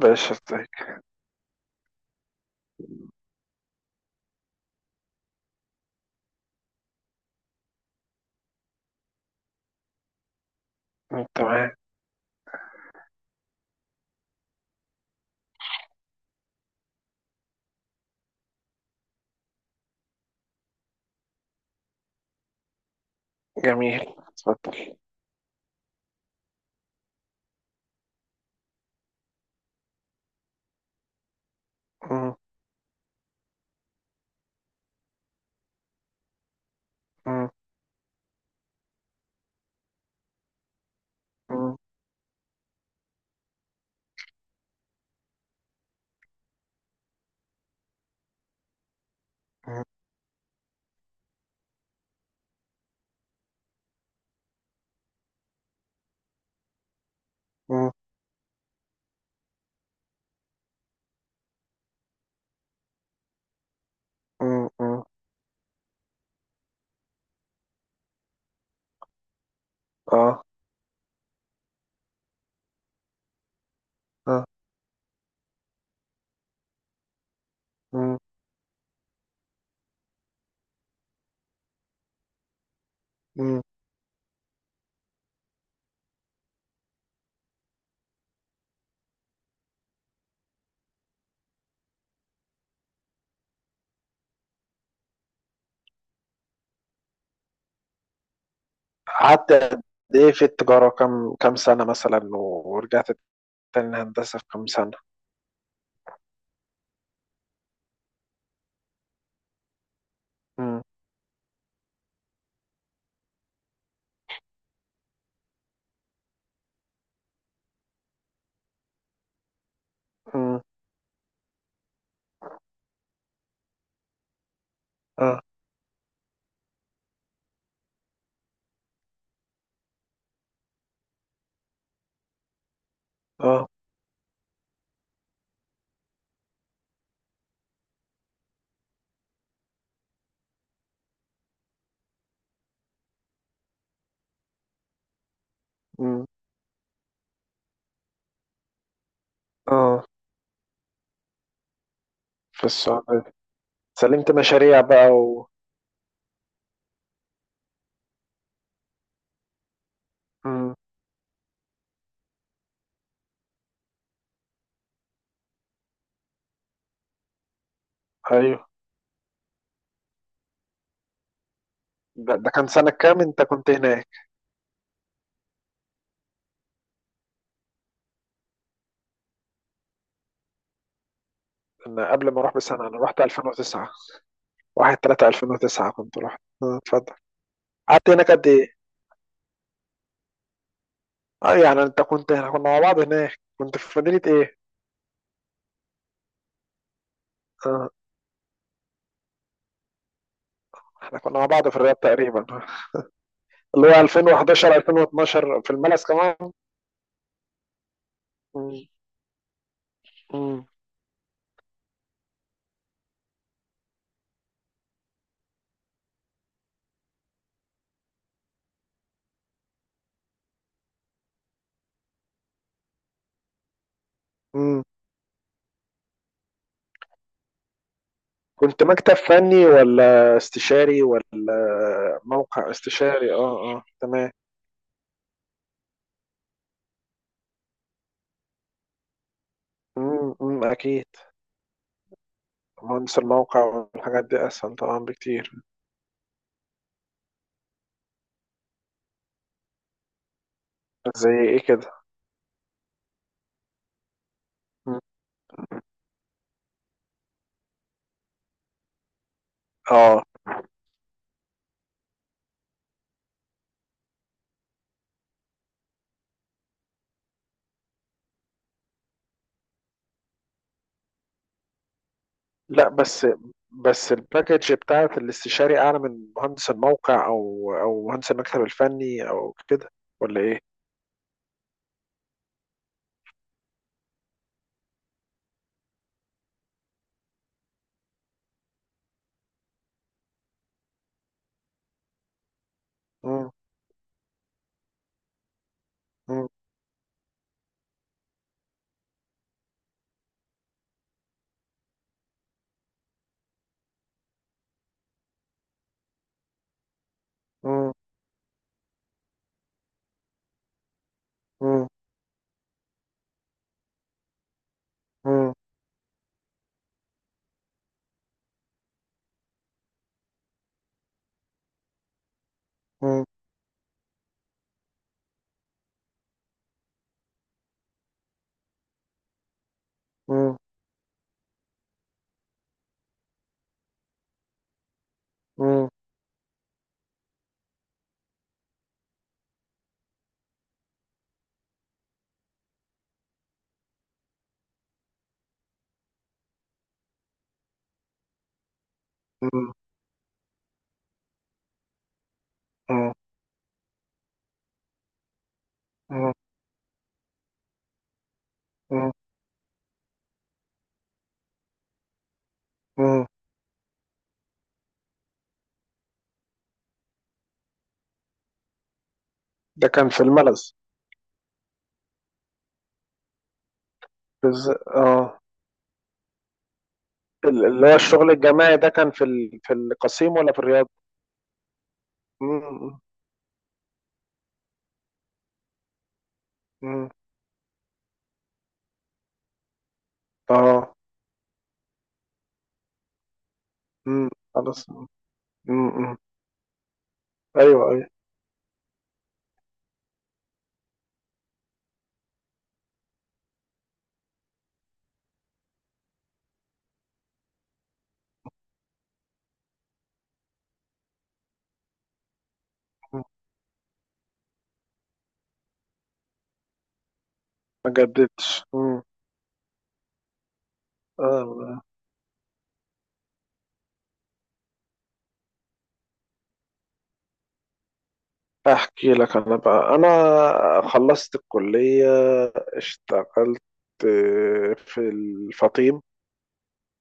باشا، ازيك؟ تمام. جميل، اتفضل. مم. مم. مم. مم. مم. مم. مم. اه. اه. مم. مم. قعدت قد ايه في التجارة، كم سنة مثلا ورجعت تاني الهندسة في كم سنة؟ مم. مم. اه. اه. مم. اه، في السعودية سلمت مشاريع بقى و... مم. ايوه. ده كان سنة كام انت كنت هناك؟ انا قبل ما اروح بسنة، انا رحت 2009. 1 3 2009 كنت رحت. اتفضل. قعدت هناك قد ايه؟ اه، يعني انت كنت احنا كنا مع بعض هناك، كنت في مدينة ايه؟ اه، احنا كنا مع بعض في الرياض تقريبا، اللي هو 2011 2012 في الملس كمان. مم. مم. مم. كنت مكتب فني ولا استشاري ولا موقع استشاري؟ اه. اه. تمام. مم. مم. اكيد. مهندس الموقع والحاجات دي اسهل طبعا بكتير. زي ايه كده؟ مم. اه. لا، بس الباكج بتاعت الاستشاري اعلى من مهندس الموقع او مهندس المكتب الفني او كده، ولا ايه؟ مم. مم. مم. مم. مم. مم. مم. مم. مم. مم. مم. مم. مم. ده كان في الملز؟ بز... اه. اللي هو الشغل الجماعي ده كان في ال... في القصيم ولا في الرياض؟ مم. مم. اه. مم. خلاص. مم. مم. ايوه. ايوه. مم. ما جددتش. مم. اه. احكي لك انا بقى. انا خلصت الكلية، اشتغلت في الفطيم.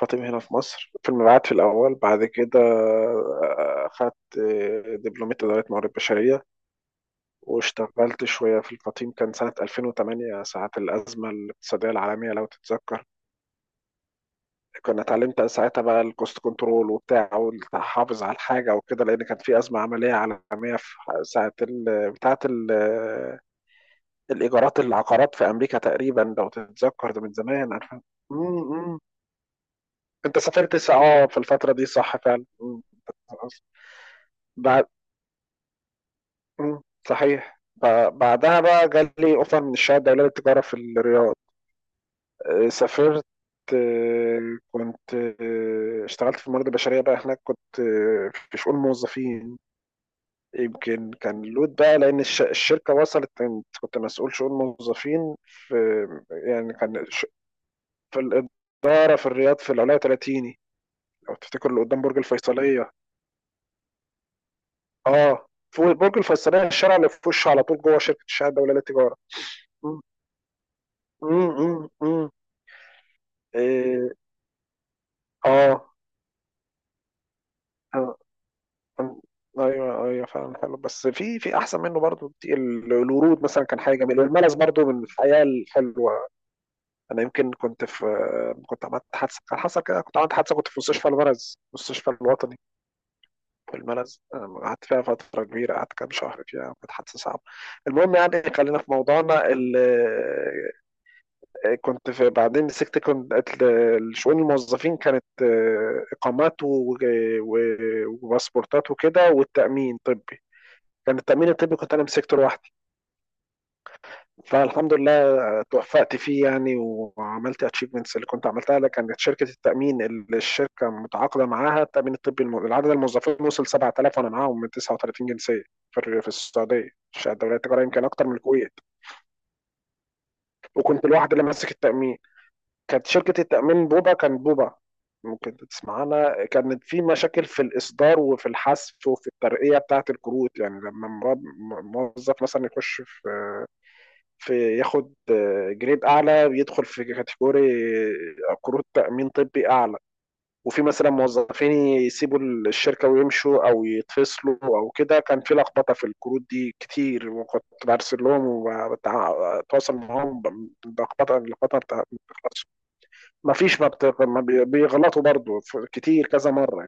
فاطم هنا في مصر في المبيعات في الاول. بعد كده اخدت دبلومية ادارة موارد بشرية، واشتغلت شوية في الفطيم. كان سنة 2008 ساعة الازمة الاقتصادية العالمية، لو تتذكر. كنا اتعلمت ساعتها بقى الكوست كنترول وبتاع والتحافظ على الحاجة وكده، لأن كان في أزمة عملية عالمية في ساعة بتاعة الإيجارات العقارات في أمريكا تقريبا، لو تتذكر ده من زمان، عارفة؟ مم. مم. أنت سافرت اه في الفترة دي، صح فعلا. مم. بعد. مم. صحيح، بعدها بقى جالي أوفر من الشهادة الدولية للتجارة في الرياض. سافرت. كنت اشتغلت في الموارد البشرية بقى هناك، كنت في شؤون موظفين. يمكن كان لود بقى لأن الشركة وصلت. كنت كنت مسؤول شؤون موظفين في... يعني كان في الإدارة في الرياض في العلاية 30، لو تفتكر، اللي قدام برج الفيصلية. اه. فوق برج الفيصلية الشارع اللي في وشه على طول، جوه شركة الشحن الدولية للتجارة. مم. مم. مم. مم. إيه. اه. آه. ايوه، ايوه، فعلا حلو، بس في احسن منه برضو كتير. الورود مثلا كان حاجه جميله، والملز برضو من الحياه الحلوه. انا يمكن كنت عملت حادثه. كان حصل كده، كنت عملت حادثه، كنت في مستشفى الملز، مستشفى الوطني في الملز. قعدت فيها فترة كبيرة، قعدت كام شهر فيها، كانت حادثة صعبة. المهم يعني خلينا في موضوعنا كنت في بعدين مسكت. كنت شؤون الموظفين كانت إقامات وباسبورتات وكده، والتأمين طبي. كان التأمين الطبي كنت أنا مسكته لوحدي. فالحمد لله توفقت فيه يعني، وعملت اتشيفمنتس اللي كنت عملتها لك. كانت شركه التامين اللي الشركه متعاقده معاها التامين الطبي العدد الموظفين وصل 7,000، وانا معاهم من 39 جنسيه في السعوديه. شهادة الدوليه التجاريه يمكن اكتر من الكويت. وكنت الواحد اللي ماسك التامين. كانت شركه التامين بوبا، كانت بوبا. ممكن تسمعنا، كانت في مشاكل في الإصدار وفي الحذف وفي الترقية بتاعة الكروت يعني. لما موظف مثلا يخش في ياخد جريد اعلى، بيدخل في كاتيجوري كروت تامين طبي اعلى. وفي مثلا موظفين يسيبوا الشركه ويمشوا او يتفصلوا او كده، كان في لخبطه في الكروت دي كتير، وكنت برسل لهم وبتواصل معاهم. بلخبطه، اللخبطه ما بتخلصش. ما فيش، ما, بت... ما بي- بيغلطوا برضو كتير كذا مره.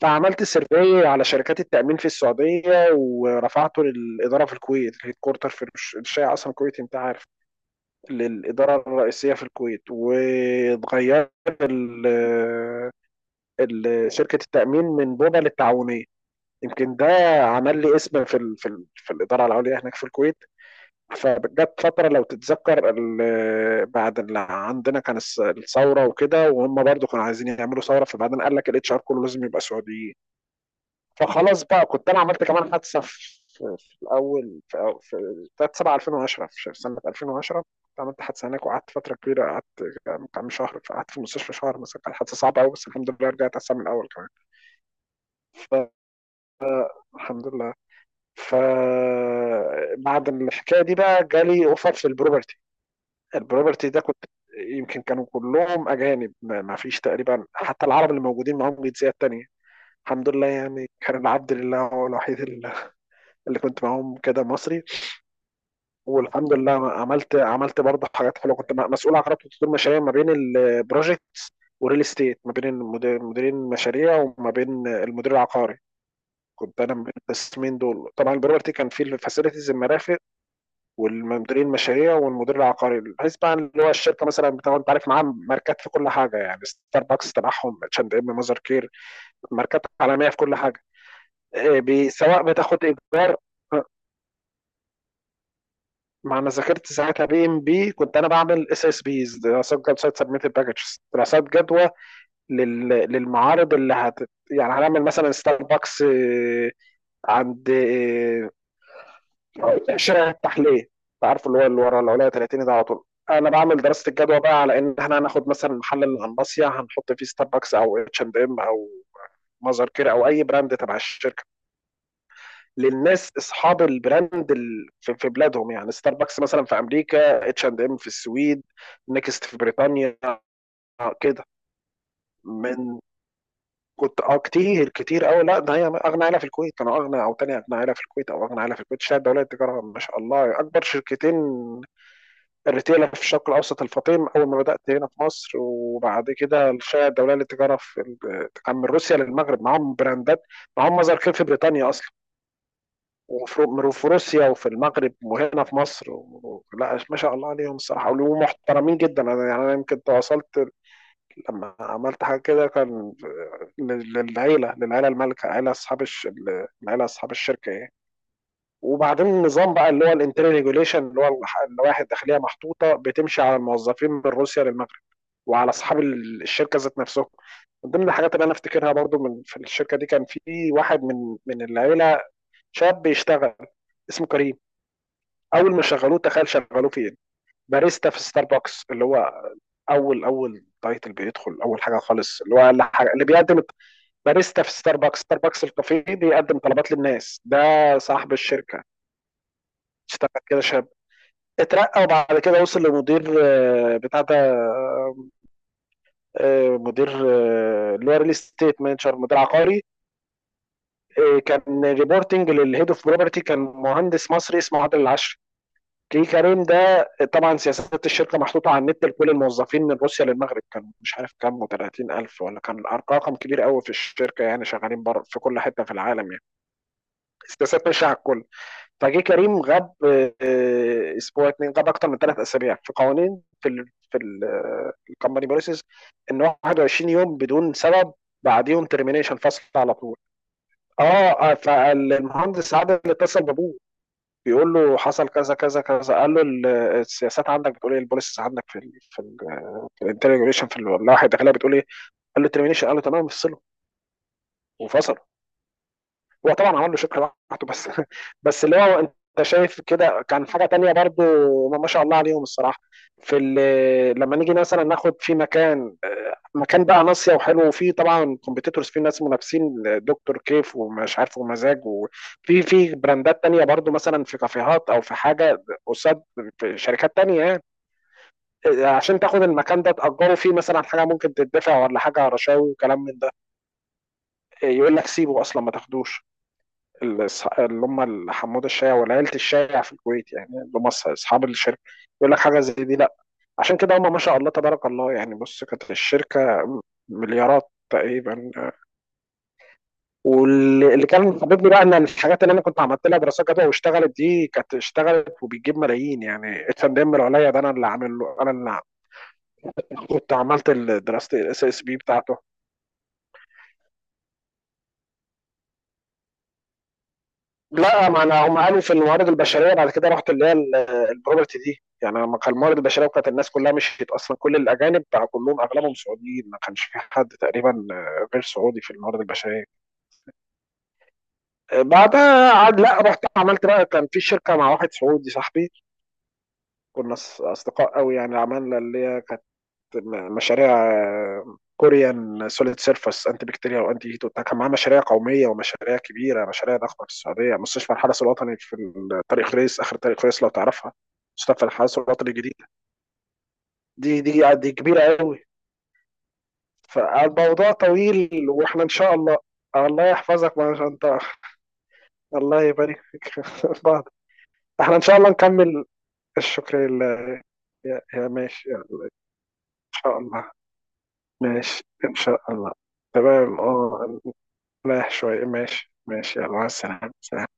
فعملت سيرفي على شركات التامين في السعوديه ورفعته للاداره في الكويت، الهيد كورتر في الشيعة اصلا الكويت، انت عارف. للإدارة الرئيسية في الكويت. وتغير شركة التأمين من بوبا للتعاونية. يمكن ده عمل لي اسم في ال في, ال في الإدارة العليا هناك في الكويت. فجت فترة، لو تتذكر، بعد اللي عندنا كان الثورة وكده، وهم برضو كانوا عايزين يعملوا ثورة. فبعدين قال لك الاتش ار كله لازم يبقى سعودي. فخلاص بقى، كنت انا عملت كمان حادثه في الاول في في 3 7 2010 في سنه 2010. كنت عملت حادثه هناك وقعدت فتره كبيره، قعدت كام شهر، قعدت في المستشفى شهر مثلا، كانت حادثه صعبه قوي. بس الحمد لله رجعت احسن من الاول كمان. فالحمد لله. فبعد الحكايه دي بقى جالي اوفر في البروبرتي. البروبرتي ده كنت يمكن كانوا كلهم اجانب، ما فيش تقريبا حتى العرب اللي موجودين معاهم جنسيات تانية. الحمد لله يعني، كان العبد لله هو الوحيد اللي كنت معاهم كده مصري. والحمد لله. عملت برضه حاجات حلوه. كنت مسؤول عن خدمه تطوير مشاريع ما بين البروجكت والريل استيت، ما بين مديرين المشاريع وما بين المدير العقاري. كنت انا من القسمين دول. طبعا البروبرتي كان فيه الفاسيلتيز المرافق والمديرين المشاريع والمدير العقاري. بحيث بقى اللي هو الشركه مثلا بتاع، انت عارف، معاها ماركات في كل حاجه يعني. ستاربكس تبعهم، اتش اند ام، ماذر كير، ماركات عالميه في كل حاجه. إيه، سواء بتاخد ايجار ما انا ذاكرت ساعتها. BMP، كنت انا بعمل SSBs، دراسات جدوى، سايت سبميتد باكجز، دراسات جدوى للمعارض اللي يعني هنعمل مثلا ستاربكس عند شارع التحليه، انت عارف، اللي هو اللي ورا العليا 30 ده على طول. انا بعمل دراسه الجدوى بقى على ان احنا هناخد مثلا محل القنباصيه هنحط فيه ستاربكس او اتش اند ام او مازر كير او اي براند تبع الشركه، للناس اصحاب البراند في بلادهم يعني. ستاربكس مثلا في امريكا، اتش اند ام في السويد، نيكست في بريطانيا. كده من... كنت اه كتير كتير قوي، لا ده هي اغنى عيله في الكويت. كانوا اغنى او تاني اغنى عيله في الكويت او اغنى عيله في الكويت شهادة دولية التجاره، ما شاء الله. اكبر شركتين الريتيل في الشرق الاوسط: الفطيم، اول ما بدات هنا في مصر، وبعد كده الشهادة الدولية للتجاره في كان من روسيا للمغرب معاهم براندات. معاهم مظهر خير في بريطانيا اصلا، وفي روسيا وفي المغرب وهنا في مصر و... لا ما شاء الله عليهم الصراحه، ومحترمين جدا. انا يعني انا يمكن تواصلت لما عملت حاجه كده كان للعيله المالكه، عيله اصحاب العيله اصحاب الشركه يعني. وبعدين النظام بقى اللي هو الانترنال ريجوليشن، اللي هو اللوائح الداخليه، محطوطه بتمشي على الموظفين من روسيا للمغرب وعلى اصحاب الشركه ذات نفسهم. من ضمن الحاجات اللي انا افتكرها برضو من في الشركه دي، كان في واحد من العيله شاب بيشتغل، اسمه كريم. اول ما شغلوه تخيل شغلوه فين؟ باريستا في ستاربكس، اللي هو اول اول تايتل بيدخل، اول حاجه خالص، اللي هو اقل حاجه اللي بيقدم. باريستا في ستاربكس، ستاربكس الكافيه بيقدم طلبات للناس ده. صاحب الشركه اشتغل كده شاب، اترقى وبعد كده وصل لمدير بتاع ده، مدير اللي هو ريل استيت مانجر، مدير عقاري. كان ريبورتنج للهيد اوف بروبرتي، كان مهندس مصري اسمه عادل العشر. كي كريم ده طبعا، سياسات الشركه محطوطه على النت لكل الموظفين من روسيا للمغرب، كان مش عارف كام و30 الف ولا كان، رقم كبير قوي في الشركه يعني، شغالين بره في كل حته في العالم يعني. سياسات ماشيه على الكل. فجه كريم غاب اسبوع اتنين، غاب اكتر من ثلاث اسابيع. في قوانين في في الكومباني بوليسز ان 21 يوم بدون سبب بعديهم ترمينيشن، فصل على طول. اه. فالمهندس عادل اتصل بابوه، بيقول له حصل كذا كذا كذا. قال له السياسات عندك بتقول ايه؟ البوليسز عندك في ال في الانتريجريشن في اللوائح الداخليه بتقول ايه؟ قال له ترمينيشن، قال له تمام افصله. وفصله. هو طبعا عمل له شكل لوحده بس بس اللي هو انت شايف كده كان حاجه تانية برضو. ما شاء الله عليهم الصراحه. في لما نيجي مثلا ناخد في مكان مكان بقى ناصيه وحلو، وفيه طبعا كومبيتيتورز، فيه ناس منافسين دكتور كيف ومش عارف ومزاج، وفي في براندات تانية برضو مثلا في كافيهات او في حاجه قصاد في شركات تانية يعني. عشان تاخد المكان ده تأجره، فيه مثلا حاجه ممكن تدفع ولا حاجه رشاوي وكلام من ده، يقول لك سيبه اصلا ما تاخدوش. اللي هم حمود الشايع والعيلة الشايع في الكويت، يعني اللي هم أصحاب الشركة، يقول لك حاجة زي دي لا. عشان كده هم ما شاء الله تبارك الله يعني. بص كانت الشركة مليارات تقريبا. واللي كان حبيبني بقى ان الحاجات اللي انا كنت عملت لها دراسات جدوى واشتغلت دي كانت اشتغلت وبتجيب ملايين يعني. اتش اند ام العليا ده انا اللي عامل له، انا اللي عامل. كنت عملت دراسة SSB بتاعته. لا، ما انا هم قالوا في الموارد البشريه بعد كده رحت اللي هي البروبرتي دي، يعني لما كان الموارد البشريه. وكانت الناس كلها مشيت اصلا، كل الاجانب بقى كلهم اغلبهم سعوديين، ما كانش في حد تقريبا غير سعودي في الموارد البشريه. بعدها عاد لا، رحت عملت بقى كان في شركه مع واحد سعودي صاحبي، كنا اصدقاء قوي يعني. عملنا اللي هي كانت مشاريع كوريان سوليد سيرفس انتي بكتيريا وانتي هيت وبتاع. كان معاه مشاريع قوميه ومشاريع كبيره، مشاريع ضخمه في السعوديه، مستشفى الحدث الوطني في طريق خريس، اخر طريق خريس، لو تعرفها، مستشفى الحدث الوطني الجديد. دي كبيره قوي. فالموضوع طويل، واحنا ان شاء الله. الله يحفظك، ما شاء انت الله يبارك فيك بعض. احنا ان شاء الله نكمل. الشكر لله. يا ماشي ان شاء الله، ماشي ان شاء الله. تمام. اه. رايح شوية، ماشي، ماشي، يلا، مع السلامة، سلام.